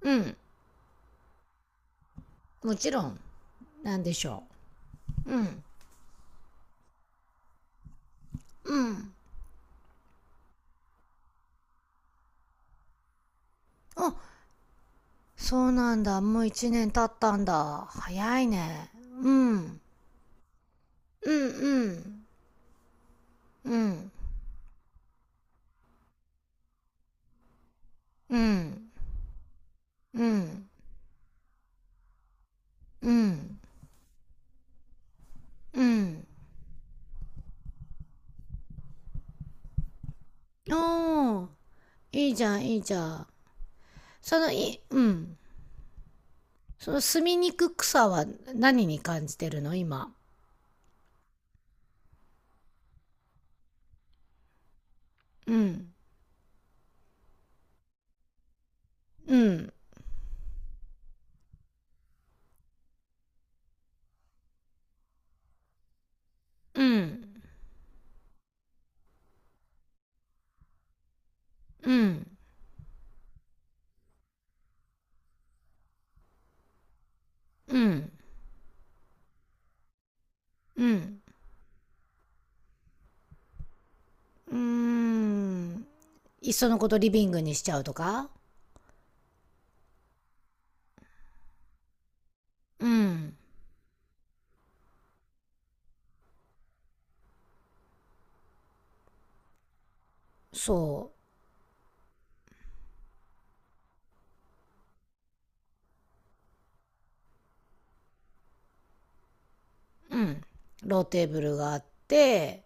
うん。もちろん。なんでしょう。うん、あ、そうなんだ、もう1年経ったんだ、早いね。うんうんうんうんうんうんうんうん。おー、いいじゃんいいじゃん。そのいうんその住みにくくさは何に感じてるの今？うんうんうんうんうんうん。うーん、いっそのことリビングにしちゃうとか。うん、そう、うん、ローテーブルがあって、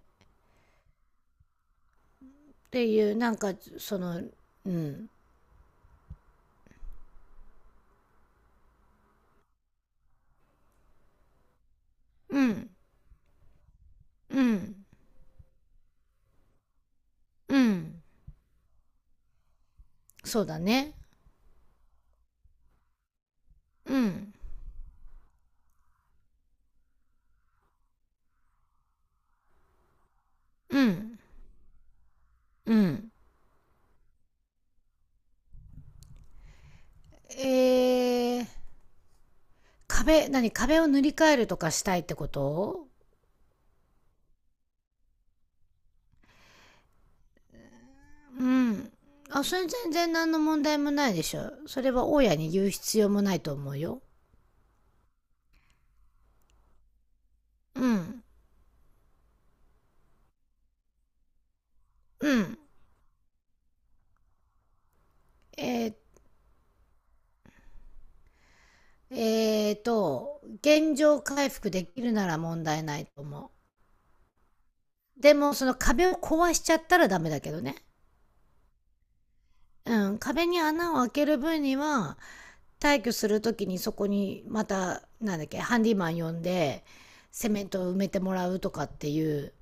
っていうなんかその、うんうんうん。うん、そうだね。うんうんうん。えー、壁、壁を塗り替えるとかしたいってこと？うん。あ、それ全然何の問題もないでしょ、それは大家に言う必要もないと思うよ。うん。うん。えー、現状回復できるなら問題ないと思う。でもその壁を壊しちゃったらダメだけどね。うん、壁に穴を開ける分には、退去する時にそこにまた、なんだっけ、ハンディマン呼んでセメントを埋めてもらうとかっていう。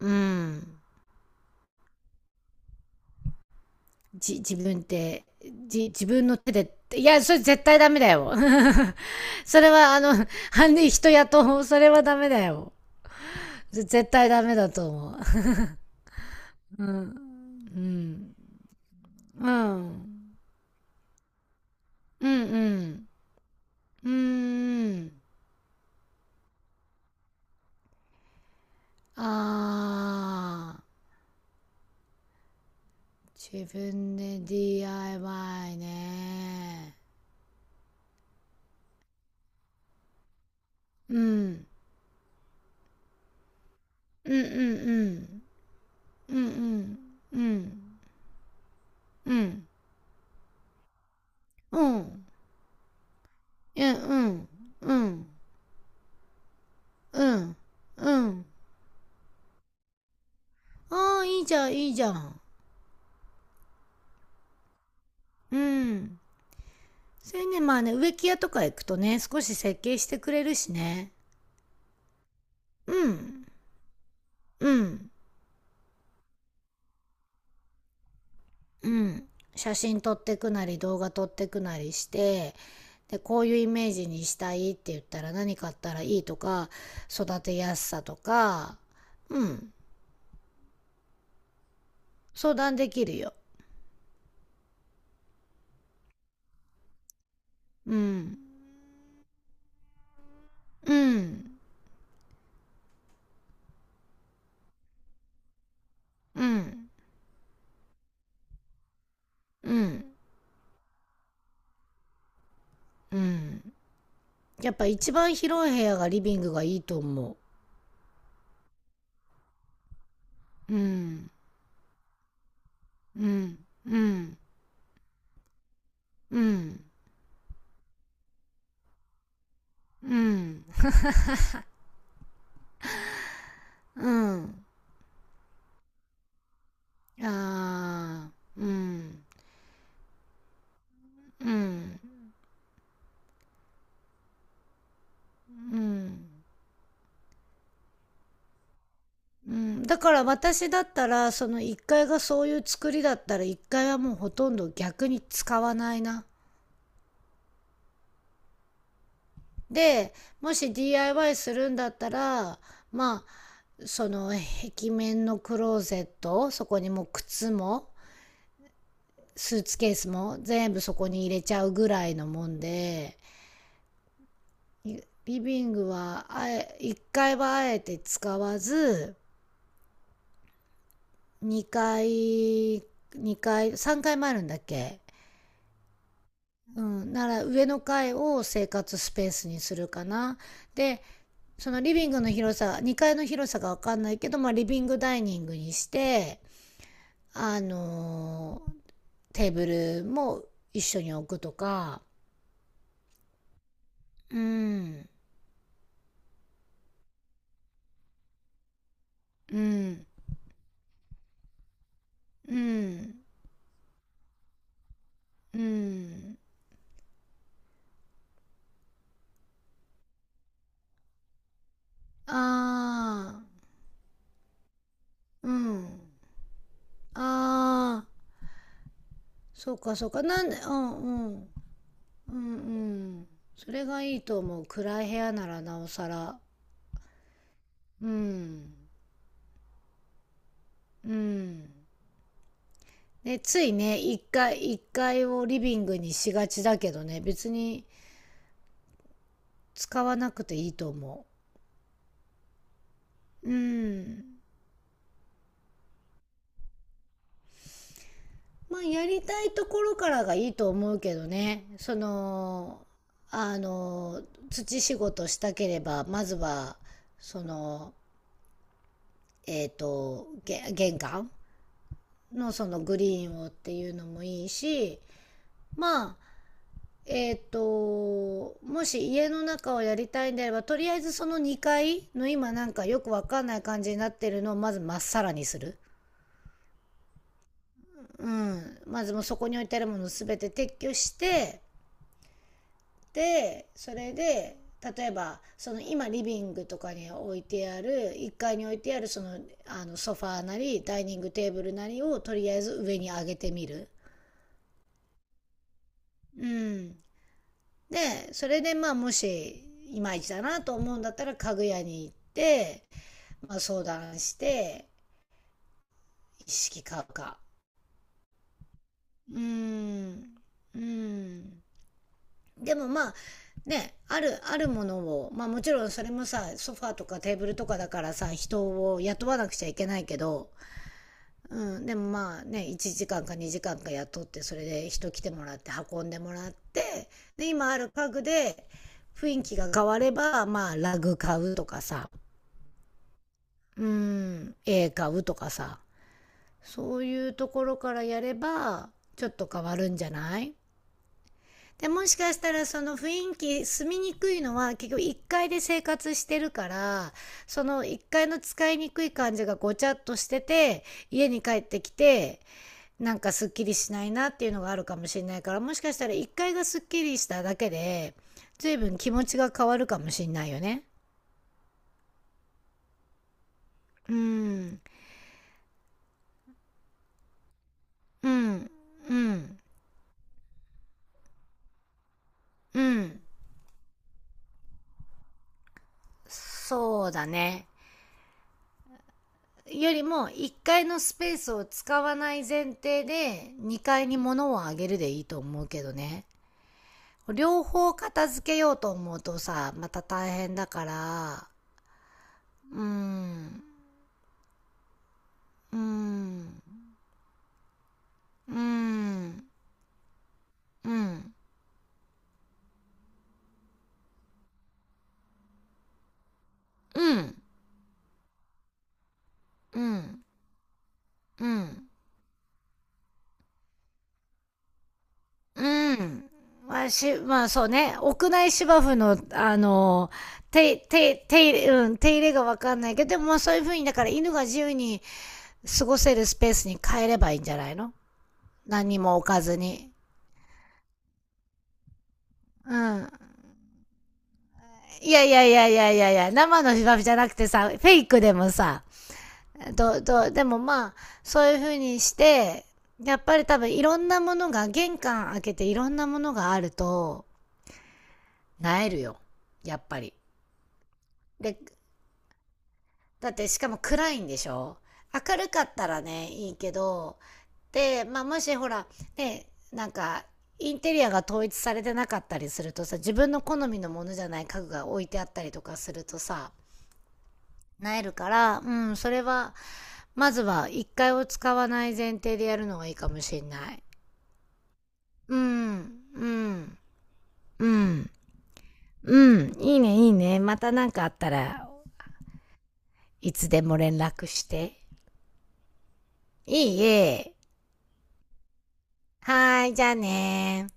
うん。自分って？自分の手でっていや、それ絶対ダメだよ それはあの、ハンディ人雇う、それはダメだよ。絶対ダメだと思う うん。うん。うんうん。うん。ああ、自分で DIY ね。うん。うんうんうん。うんうん。うん。うん。うん。え、うんうん。うん。うん。ああ、いいじゃん、いいじゃん。うん。それね、まあね、植木屋とか行くとね、少し設計してくれるしね。うん。うん。うん。写真撮ってくなり、動画撮ってくなりして、でこういうイメージにしたいって言ったら、何買ったらいいとか、育てやすさとか、うん、相談できるよ。うんうんうんうんうん。やっぱ一番広い部屋がリビングがいいと思う。うんうんうんうんうん。うんあー。うんうんうん。うん、だから私だったらその1階がそういう作りだったら1階はもうほとんど逆に使わないな。で、もし DIY するんだったら、まあその、壁面のクローゼット、そこにもう靴もスーツケースも全部そこに入れちゃうぐらいのもんで、リビングは1階はあえて使わず、2階、3階もあるんだっけ？うん、なら上の階を生活スペースにするかな。で、そのリビングの広さ、2階の広さがわかんないけど、まあリビングダイニングにして、あのー、テーブルも一緒に置くとか。うん、うん、うん、うん、あー、うん、あー、そうかそうか、なんで、うん、うん、うん、うん。それがいいと思う。暗い部屋ならなおさら。うん。うん。ね、ついね、一階、一階をリビングにしがちだけどね、別に使わなくていいと思う。うん。まあ、やりたいところからがいいと思うけどね。その、あの、土仕事したければ、まずは、その、玄関のそのグリーンをっていうのもいいし、まあ、もし家の中をやりたいんであれば、とりあえずその2階の今なんかよくわかんない感じになってるのをまずまっさらにする。うん。まずもうそこに置いてあるものすべて撤去して、で、それで、例えば、その今リビングとかに置いてある、1階に置いてあるその、あのソファーなり、ダイニングテーブルなりをとりあえず上に上げてみる。うん。で、それでまあもし、いまいちだなと思うんだったら家具屋に行って、まあ、相談して、意識買うか。うーん。うーん。でもまあ、ね、ある、あるものを、まあもちろんそれもさ、ソファーとかテーブルとかだからさ、人を雇わなくちゃいけないけど、うん、でもまあね、1時間か2時間かんか雇って、それで人来てもらって、運んでもらって、で、今ある家具で雰囲気が変われば、まあラグ買うとかさ、うん、絵買うとかさ、そういうところからやればちょっと変わるんじゃない？でもしかしたらその雰囲気、住みにくいのは結局1階で生活してるから、その1階の使いにくい感じがごちゃっとしてて、家に帰ってきてなんかすっきりしないなっていうのがあるかもしれないから、もしかしたら1階がすっきりしただけで随分気持ちが変わるかもしれないよね。うーんうんうんうん。そうだね。よりも1階のスペースを使わない前提で2階に物をあげるでいいと思うけどね。両方片付けようと思うとさ、また大変だから。うーん、うーん、うーん、うん、うん、うん、うん、うん。し、まあそうね、屋内芝生の、あの、手、手、手入れ、うん、手入れがわかんないけど、でもそういう風に、だから犬が自由に過ごせるスペースに変えればいいんじゃないの？何にも置かずに。うん。いやいやいやいやいやいや、生のフィファフじゃなくてさ、フェイクでもさ、ど、ど、でもまあ、そういう風にして、やっぱり多分いろんなものが、玄関開けていろんなものがあると、なえるよ。やっぱり。で、だってしかも暗いんでしょ？明るかったらね、いいけど、で、まあ、もしほら、ね、なんか、インテリアが統一されてなかったりするとさ、自分の好みのものじゃない家具が置いてあったりとかするとさ、なえるから、うん、それは、まずは一回を使わない前提でやるのがいいかもしんない。うん、うん、うん、うん、いいね、いいね。またなんかあったらいつでも連絡して。いいえ。はーい、じゃあねー